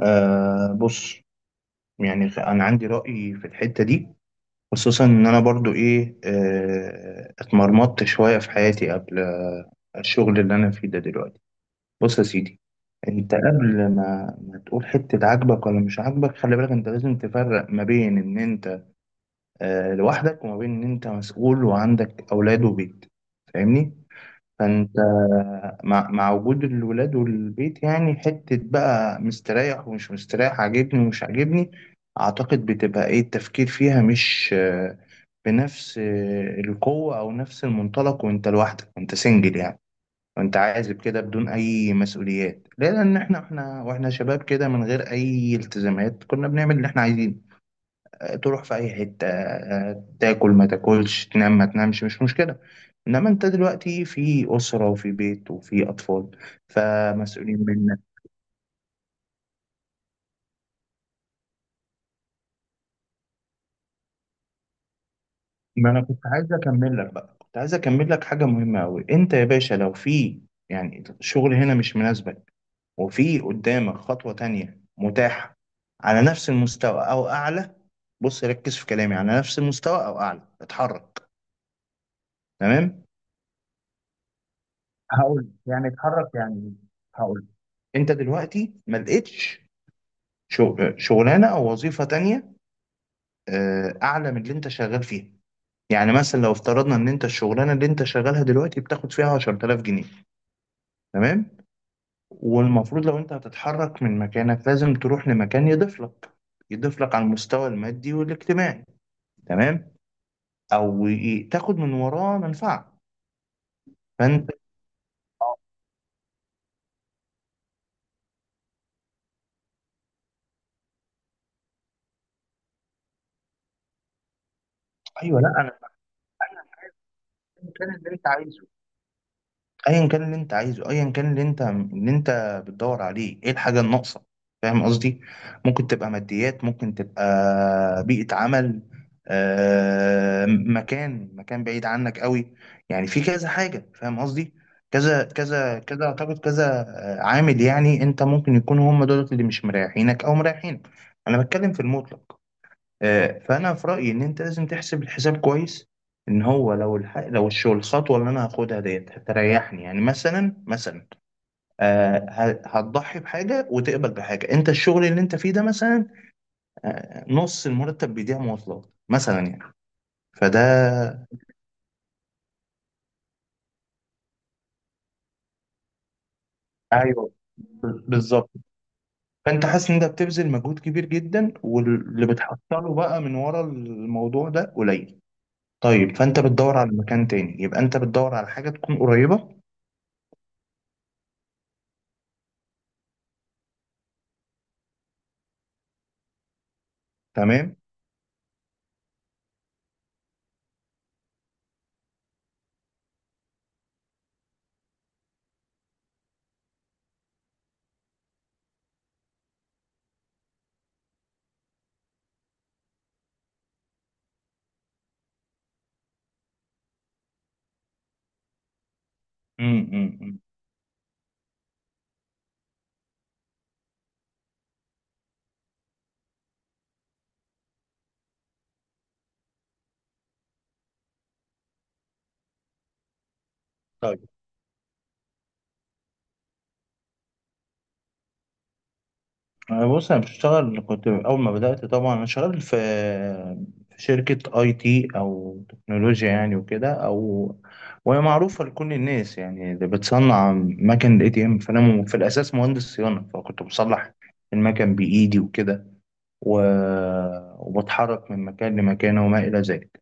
آه، بص. انا عندي رأي في الحتة دي، خصوصا ان انا برضو ايه آه اتمرمطت شوية في حياتي قبل الشغل اللي انا فيه ده دلوقتي. بص يا سيدي، انت قبل ما تقول حتة عاجبك ولا مش عاجبك، خلي بالك انت لازم تفرق ما بين ان انت لوحدك وما بين ان انت مسؤول وعندك اولاد وبيت. فاهمني؟ فانت مع وجود الولاد والبيت، يعني حتة بقى مستريح ومش مستريح، عاجبني ومش عاجبني، اعتقد بتبقى ايه التفكير فيها مش بنفس القوة او نفس المنطلق وانت لوحدك وانت سنجل يعني. وانت عازب كده بدون اي مسؤوليات، لان احنا واحنا شباب كده من غير اي التزامات كنا بنعمل اللي احنا عايزينه. تروح في اي حته، تاكل ما تاكلش، تنام ما تنامش، مش مشكله. انما انت دلوقتي في اسره وفي بيت وفي اطفال فمسؤولين منك. ما انا كنت عايز اكمل لك بقى، كنت عايز اكمل لك حاجه مهمه قوي. انت يا باشا لو في يعني شغل هنا مش مناسبك وفي قدامك خطوه تانية متاحه على نفس المستوى او اعلى. بص، ركز في كلامي، على نفس المستوى او اعلى اتحرك. تمام. هقول يعني اتحرك يعني، هقول انت دلوقتي ما لقيتش شغلانه او وظيفه تانية اعلى من اللي انت شغال فيها. يعني مثلا لو افترضنا ان انت الشغلانه اللي انت شغالها دلوقتي بتاخد فيها 10000 جنيه، تمام، والمفروض لو انت هتتحرك من مكانك لازم تروح لمكان يضيف لك، يضيف لك على المستوى المادي والاجتماعي. تمام. او تاخد من وراه منفعه. فانت، ايوه. لا انا، المكان اللي انت عايزه، ايا كان اللي انت بتدور عليه، ايه الحاجه الناقصه؟ فاهم قصدي؟ ممكن تبقى ماديات، ممكن تبقى بيئه عمل، مكان مكان بعيد عنك قوي يعني، في كذا حاجه. فاهم قصدي؟ كذا كذا كذا، اعتقد كذا. عامل يعني انت ممكن يكونوا هم دول اللي مش مريحينك او مريحينك. انا بتكلم في المطلق. فانا في رايي ان انت لازم تحسب الحساب كويس ان هو لو الشغل، الخطوه اللي انا هاخدها ديت هتريحني. يعني مثلا هتضحي بحاجه وتقبل بحاجه. انت الشغل اللي انت فيه ده مثلا، نص المرتب بيضيع مواصلات مثلا يعني، فده. ايوه، بالظبط. فانت حاسس ان انت بتبذل مجهود كبير جدا واللي بتحصله بقى من ورا الموضوع ده قليل. طيب فانت بتدور على مكان تاني، يبقى انت بتدور على حاجه تكون قريبه. تمام. أمم. امم. طيب. أنا بص، انا بشتغل، كنت اول ما بدات طبعا انا شغال في شركه اي تي او تكنولوجيا يعني وكده، او وهي معروفه لكل الناس يعني اللي بتصنع مكن الاي تي ام. فانا في الاساس مهندس صيانه، فكنت بصلح المكن بايدي وكده و... وبتحرك من مكان لمكان وما الى ذلك.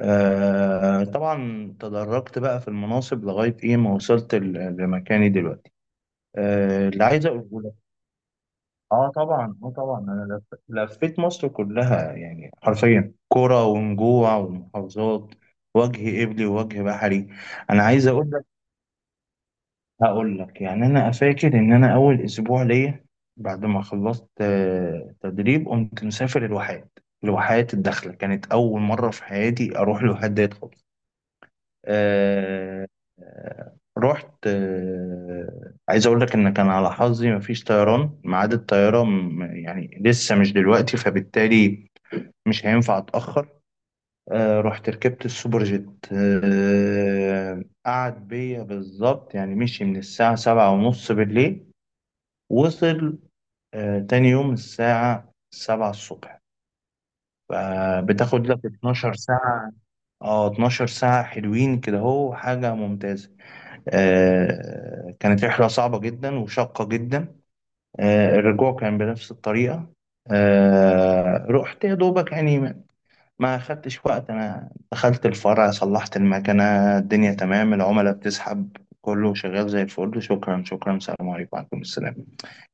آه طبعا تدرجت بقى في المناصب لغايه ايه ما وصلت لمكاني دلوقتي. اللي عايز اقوله، اه طبعا، اه طبعا انا لفيت مصر كلها يعني، حرفيا كرة ونجوع ومحافظات، وجه قبلي ووجه بحري. انا عايز اقول لك هقول لك يعني، انا فاكر ان انا اول اسبوع ليا بعد ما خلصت تدريب قمت مسافر الواحات. الواحات الداخلة كانت اول مرة في حياتي اروح الواحات ديت خالص. آه، رحت، عايز اقول لك ان كان على حظي مفيش طيران، ميعاد الطياره يعني لسه مش دلوقتي، فبالتالي مش هينفع اتاخر. رحت ركبت السوبر جيت، قعد بيا بالظبط يعني، مشي من الساعه 7:30 بالليل، وصل تاني يوم الساعه 7 الصبح. فبتاخد لك 12 ساعة. اه، 12 ساعة حلوين كده، هو حاجة ممتازة. كانت رحلة صعبة جدا وشاقة جدا. الرجوع كان بنفس الطريقة. رحت يا دوبك، يعني ما خدتش وقت. أنا دخلت الفرع صلحت المكنة، الدنيا تمام، العملاء بتسحب، كله شغال زي الفل، شكرا شكرا، السلام عليكم، وعليكم السلام.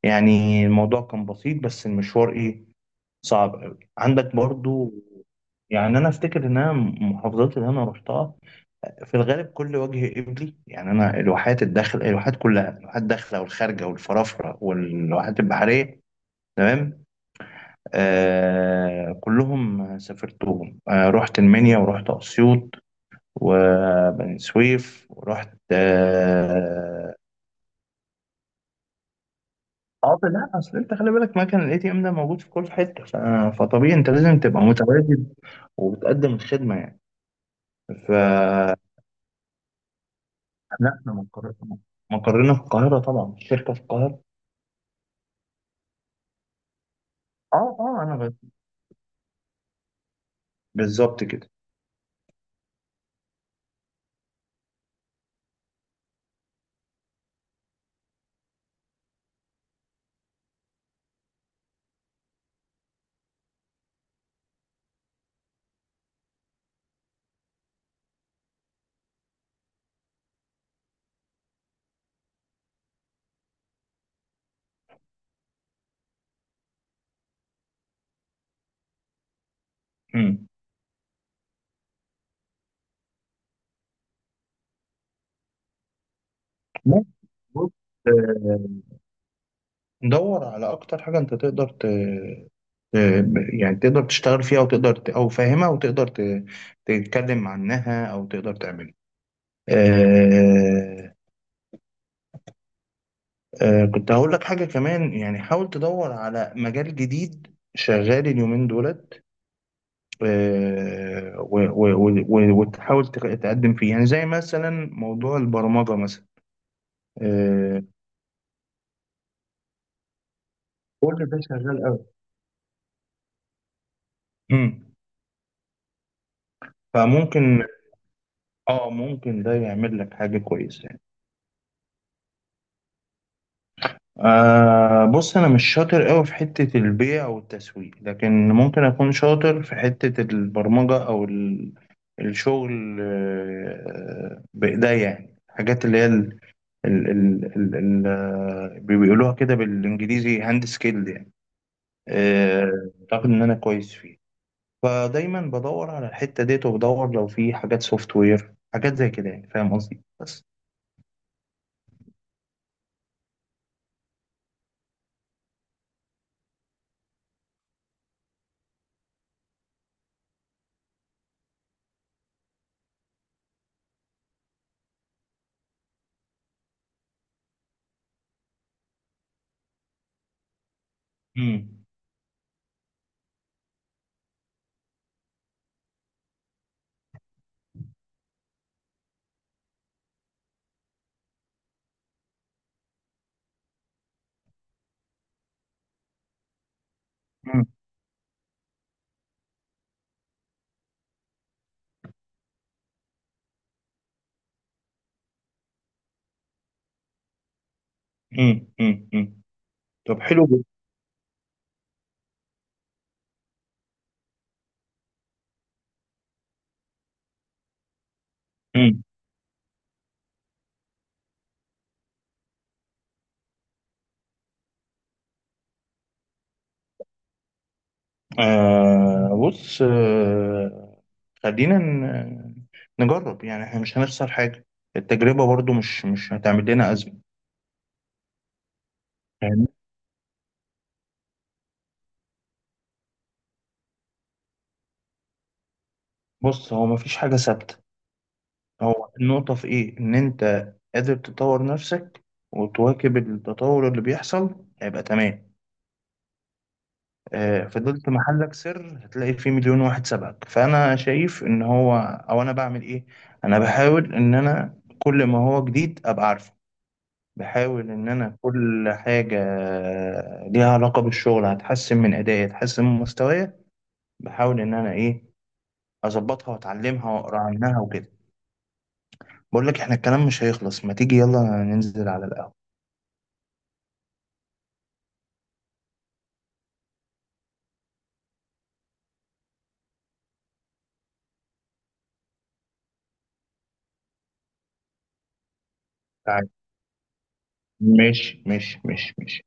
يعني الموضوع كان بسيط، بس المشوار إيه، صعب أوي عندك برضو. يعني أنا أفتكر إن أنا المحافظات اللي أنا رحتها في الغالب كل وجه قبلي يعني، انا الواحات كلها، الواحات الداخله والخارجه والفرافره والواحات البحريه. تمام. آه كلهم سافرتهم، آه رحت المنيا ورحت اسيوط وبني سويف ورحت اه. لا اصل انت خلي بالك مكان الاي تي ام ده موجود في كل حته، فطبيعي انت لازم تبقى متواجد وبتقدم الخدمه يعني. ف لا احنا مقرنا في القاهره طبعا، الشركه في القاهره. اه، اه، انا بالظبط كده. امم ممكن. بص، آه، دور على اكتر حاجه انت ت- يعني تقدر تشتغل فيها، او فاهمها، تتكلم عنها او تقدر تعملها. آه... كنت هقول لك حاجه كمان يعني، حاول تدور على مجال جديد شغال اليومين دولت، وتحاول تقدم فيه يعني، زي مثلا موضوع البرمجه مثلا. آه... كل ده شغال قوي. مم. فممكن اه ممكن ده يعمل لك حاجة كويسة يعني. آه بص، انا مش شاطر قوي في حتة البيع او التسويق، لكن ممكن اكون شاطر في حتة البرمجة او الشغل بايديا يعني، حاجات اللي هي ال بيقولوها كده بالانجليزي هاند سكيل يعني. آه، اعتقد ان انا كويس فيه. فدايما بدور على الحتة ديت، وبدور لو في حاجات سوفت وير حاجات زي كده يعني، فاهم قصدي؟ بس مم. مم. مم. مم. طب حلو جدا. مم. بص، خلينا نجرب يعني، احنا مش هنخسر حاجة، التجربة برضو مش هتعمل لنا أزمة يعني. بص هو مفيش حاجة ثابتة، هو النقطة في إيه؟ إن أنت قادر تطور نفسك وتواكب التطور اللي بيحصل هيبقى تمام. آه فضلت محلك سر هتلاقي فيه مليون واحد سبقك. فأنا شايف إن هو، أو أنا بعمل إيه، أنا بحاول إن أنا كل ما هو جديد أبقى عارفه. بحاول إن أنا كل حاجة ليها علاقة بالشغل هتحسن من أدائي هتحسن من مستواي. بحاول إن أنا إيه، أظبطها وأتعلمها وأقرأ عنها وكده. بقول لك إحنا الكلام مش هيخلص، ما تيجي يلا ننزل على القهوة. تعال. ماشي ماشي ماشي ماشي.